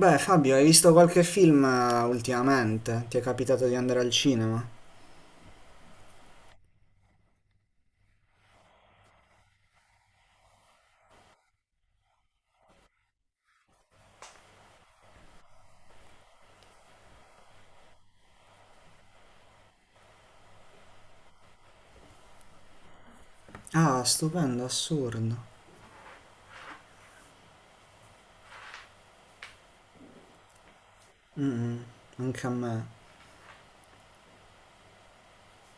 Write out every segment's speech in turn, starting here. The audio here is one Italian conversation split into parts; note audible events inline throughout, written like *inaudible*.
Beh, Fabio, hai visto qualche film ultimamente? Ti è capitato di andare al cinema? Ah, stupendo, assurdo. Mm, anche a me.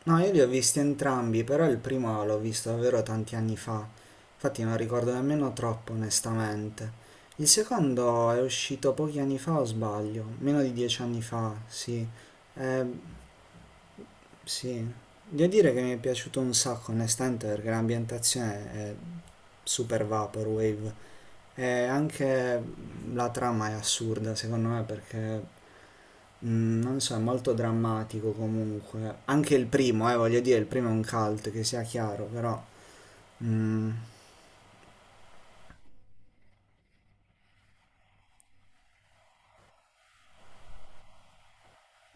No, io li ho visti entrambi, però il primo l'ho visto davvero tanti anni fa. Infatti non ricordo nemmeno troppo, onestamente. Il secondo è uscito pochi anni fa, o sbaglio? Meno di dieci anni fa, sì. Eh, Sì, devo dire che mi è piaciuto un sacco, onestamente, perché l'ambientazione è super vaporwave e anche la trama è assurda, secondo me, perché non so, è molto drammatico comunque. Anche il primo, voglio dire, il primo è un cult, che sia chiaro, però mm.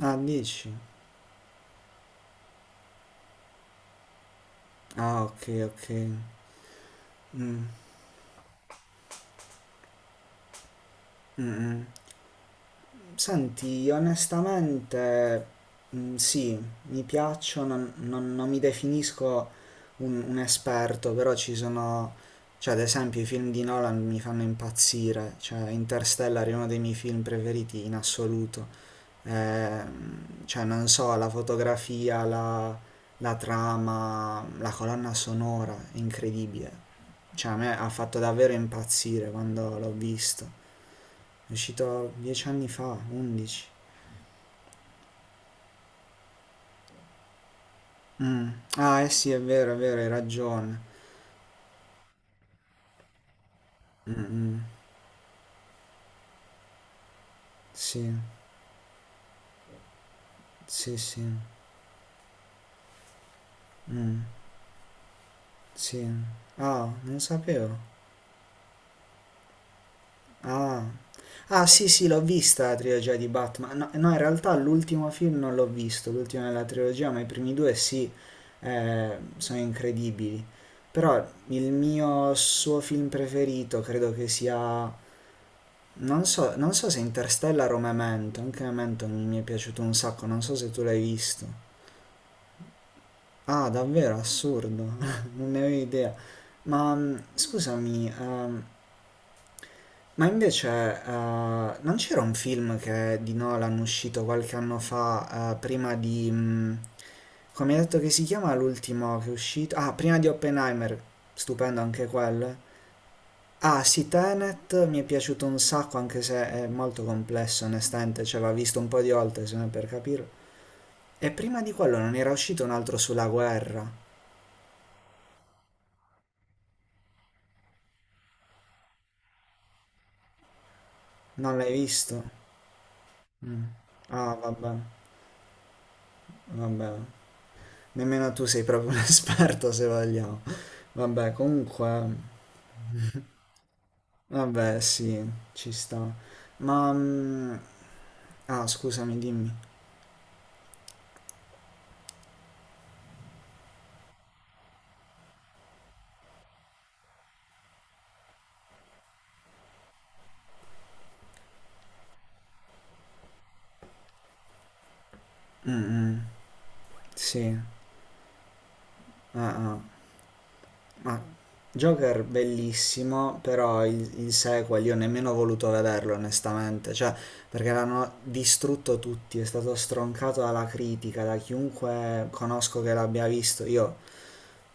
Ah, dici? Ah, ok, ok. Mm, mm, mm. Senti, onestamente, mm, sì, mi piaccio, non, non- non mi definisco un esperto, però ci sono, cioè ad esempio i film di Nolan mi fanno impazzire, cioè Interstellar è uno dei miei film preferiti in assoluto. Cioè non so, la fotografia, la trama, la colonna sonora, è incredibile, cioè a me ha fatto davvero impazzire quando l'ho visto, è uscito dieci anni fa, undici. Mh. Ah, eh sì, è vero, hai ragione. Mh-mh. Sì, sì, sì. Mh, sì. Ah, non sapevo. Ah. Ah, sì, sì, l'ho vista la trilogia di Batman. No, no, in realtà l'ultimo film non l'ho visto, l'ultimo della trilogia, ma i primi due sì, sono incredibili. Però il mio suo film preferito credo che sia... Non so, non so se Interstellar o Memento, anche Memento mi è piaciuto un sacco, non so se tu l'hai visto. Ah, davvero assurdo, *laughs* non ne avevo idea. Ma scusami, ma invece non c'era un film che di Nolan uscito qualche anno fa, prima di... come hai detto che si chiama l'ultimo che è uscito? Ah, prima di Oppenheimer, stupendo anche quello. Ah, sì, Tenet mi è piaciuto un sacco, anche se è molto complesso, onestamente, cioè l'ho visto un po' di volte, se non per capirlo. E prima di quello non era uscito un altro sulla guerra, non l'hai visto? Mm. Ah, vabbè, vabbè. Nemmeno tu sei proprio un *laughs* esperto, se vogliamo. Vabbè, comunque, vabbè, sì, ci sta. Ma... ah, scusami, dimmi. Mm, mm, sì. Ah, ah. Ma Joker bellissimo, però il sequel io nemmeno ho voluto vederlo, onestamente. Cioè, perché l'hanno distrutto tutti, è stato stroncato dalla critica, da chiunque conosco che l'abbia visto. Io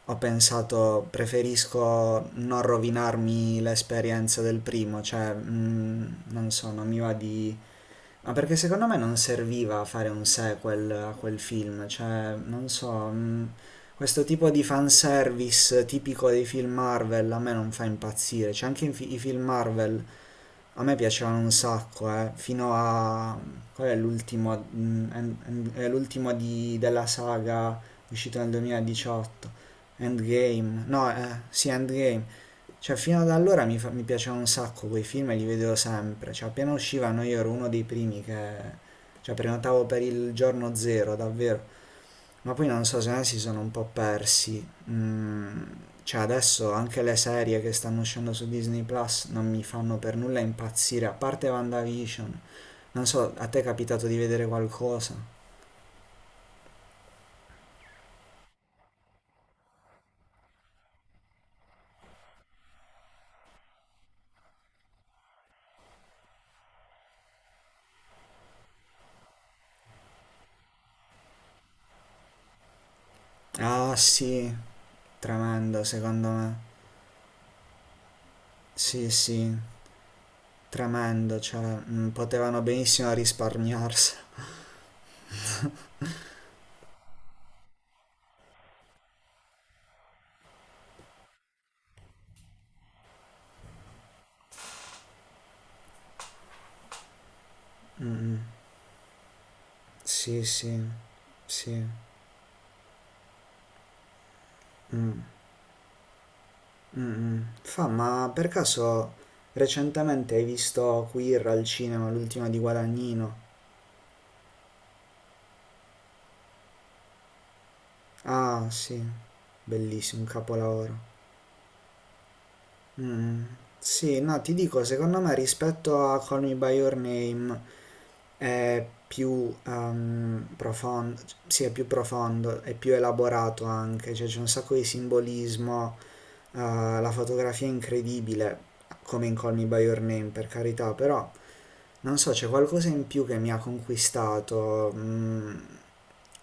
ho pensato preferisco non rovinarmi l'esperienza del primo, cioè non so, non mi va di... Ma perché secondo me non serviva fare un sequel a quel film, cioè non so, questo tipo di fanservice tipico dei film Marvel a me non fa impazzire, cioè anche i film Marvel a me piacevano un sacco, fino a... Qual è l'ultimo? È l'ultimo della saga uscito nel 2018, Endgame. No, sì, Endgame. Cioè, fino ad allora mi piacevano un sacco quei film e li vedevo sempre. Cioè, appena uscivano io ero uno dei primi che... Cioè, prenotavo per il giorno zero, davvero. Ma poi non so se ne si sono un po' persi. Cioè adesso anche le serie che stanno uscendo su Disney Plus non mi fanno per nulla impazzire, a parte WandaVision. Non so, a te è capitato di vedere qualcosa? Ah sì, tremendo secondo me. Sì, sì, tremendo, cioè potevano benissimo risparmiarsela. Sì, sì, sì. Mm, mm. Ma per caso recentemente hai visto Queer al cinema, l'ultima di Guadagnino? Ah, sì, bellissimo, un capolavoro. Mm, sì, no, ti dico, secondo me rispetto a Call Me By Your Name è più profondo, sì, è più profondo, è più elaborato anche, cioè c'è un sacco di simbolismo, eh, la fotografia è incredibile, come in Call Me By Your Name, per carità, però... Non so, c'è qualcosa in più che mi ha conquistato.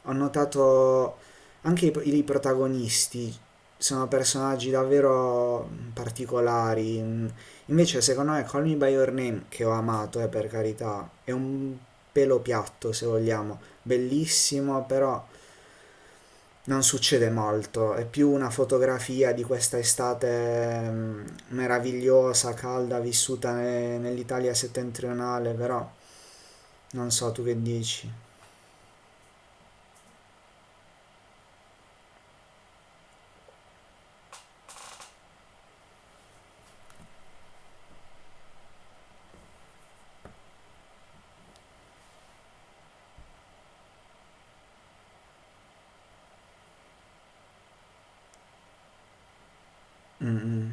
Ho notato anche i protagonisti sono personaggi davvero particolari. Mm. Invece, secondo me, Call Me By Your Name, che ho amato, per carità, è un pelo piatto, se vogliamo, bellissimo, però non succede molto. È più una fotografia di questa estate meravigliosa, calda, vissuta nell'Italia settentrionale, però. Non so, tu che dici? Mm-mm.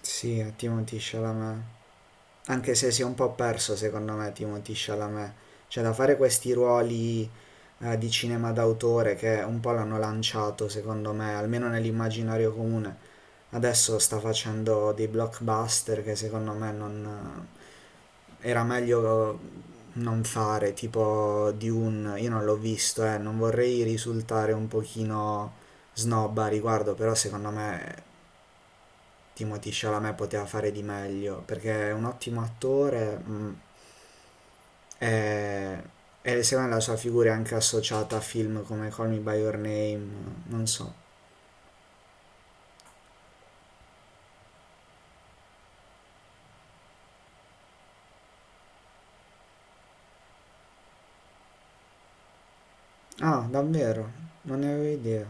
Sì, a Timothée Chalamet. Anche se si è un po' perso, secondo me, Timothée Chalamet. Cioè, da fare questi ruoli di cinema d'autore che un po' l'hanno lanciato, secondo me, almeno nell'immaginario comune. Adesso sta facendo dei blockbuster che secondo me non... era meglio non fare, tipo Dune. Io non l'ho visto, non vorrei risultare un pochino snob a riguardo, però secondo me Timothée Chalamet poteva fare di meglio perché è un ottimo attore e, e secondo me la sua figura è anche associata a film come Call Me By Your Name, non so. Ah, davvero? Non ne avevo idea.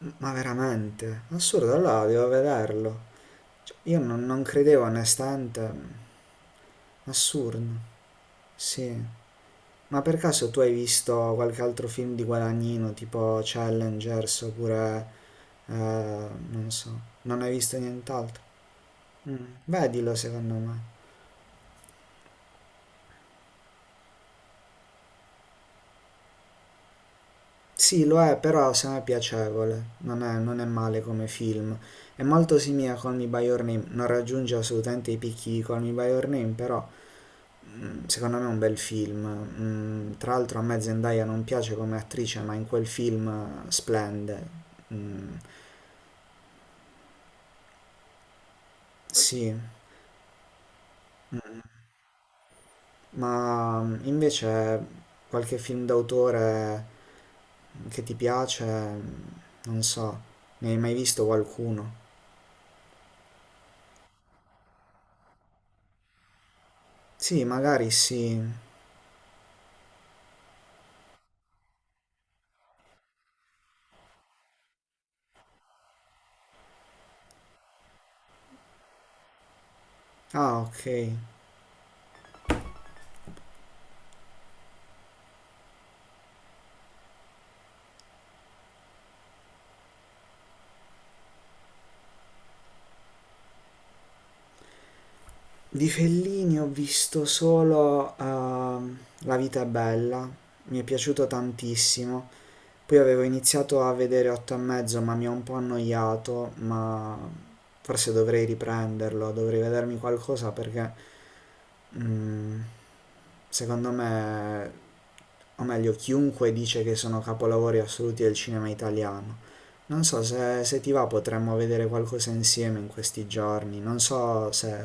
M- Ma veramente? Assurdo, allora devo vederlo. Cioè, io non, non credevo onestamente. Assurdo, sì. Ma per caso tu hai visto qualche altro film di Guadagnino, tipo Challengers oppure... non so, non hai visto nient'altro? Mm, vedilo secondo me. Sì, lo è, però secondo me è piacevole, non è male come film. È molto simile a Call Me By Your Name, non raggiunge assolutamente i picchi di Call Me By Your Name, però secondo me è un bel film. Mm, tra l'altro a me Zendaya non piace come attrice, ma in quel film splende. Mm, sì, ma invece qualche film d'autore che ti piace, non so, ne hai mai visto qualcuno? Sì, magari sì. Ah, ok. Di Fellini ho visto solo La vita è bella, mi è piaciuto tantissimo. Poi avevo iniziato a vedere Otto e mezzo, ma mi ha un po' annoiato, ma forse dovrei riprenderlo, dovrei vedermi qualcosa perché mm, secondo me, o meglio, chiunque dice che sono capolavori assoluti del cinema italiano. Non so se, se ti va potremmo vedere qualcosa insieme in questi giorni. Non so se,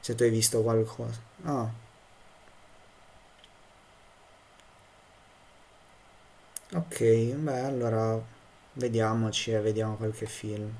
se tu hai visto qualcosa. Ah, ok, beh, allora vediamoci e vediamo qualche film.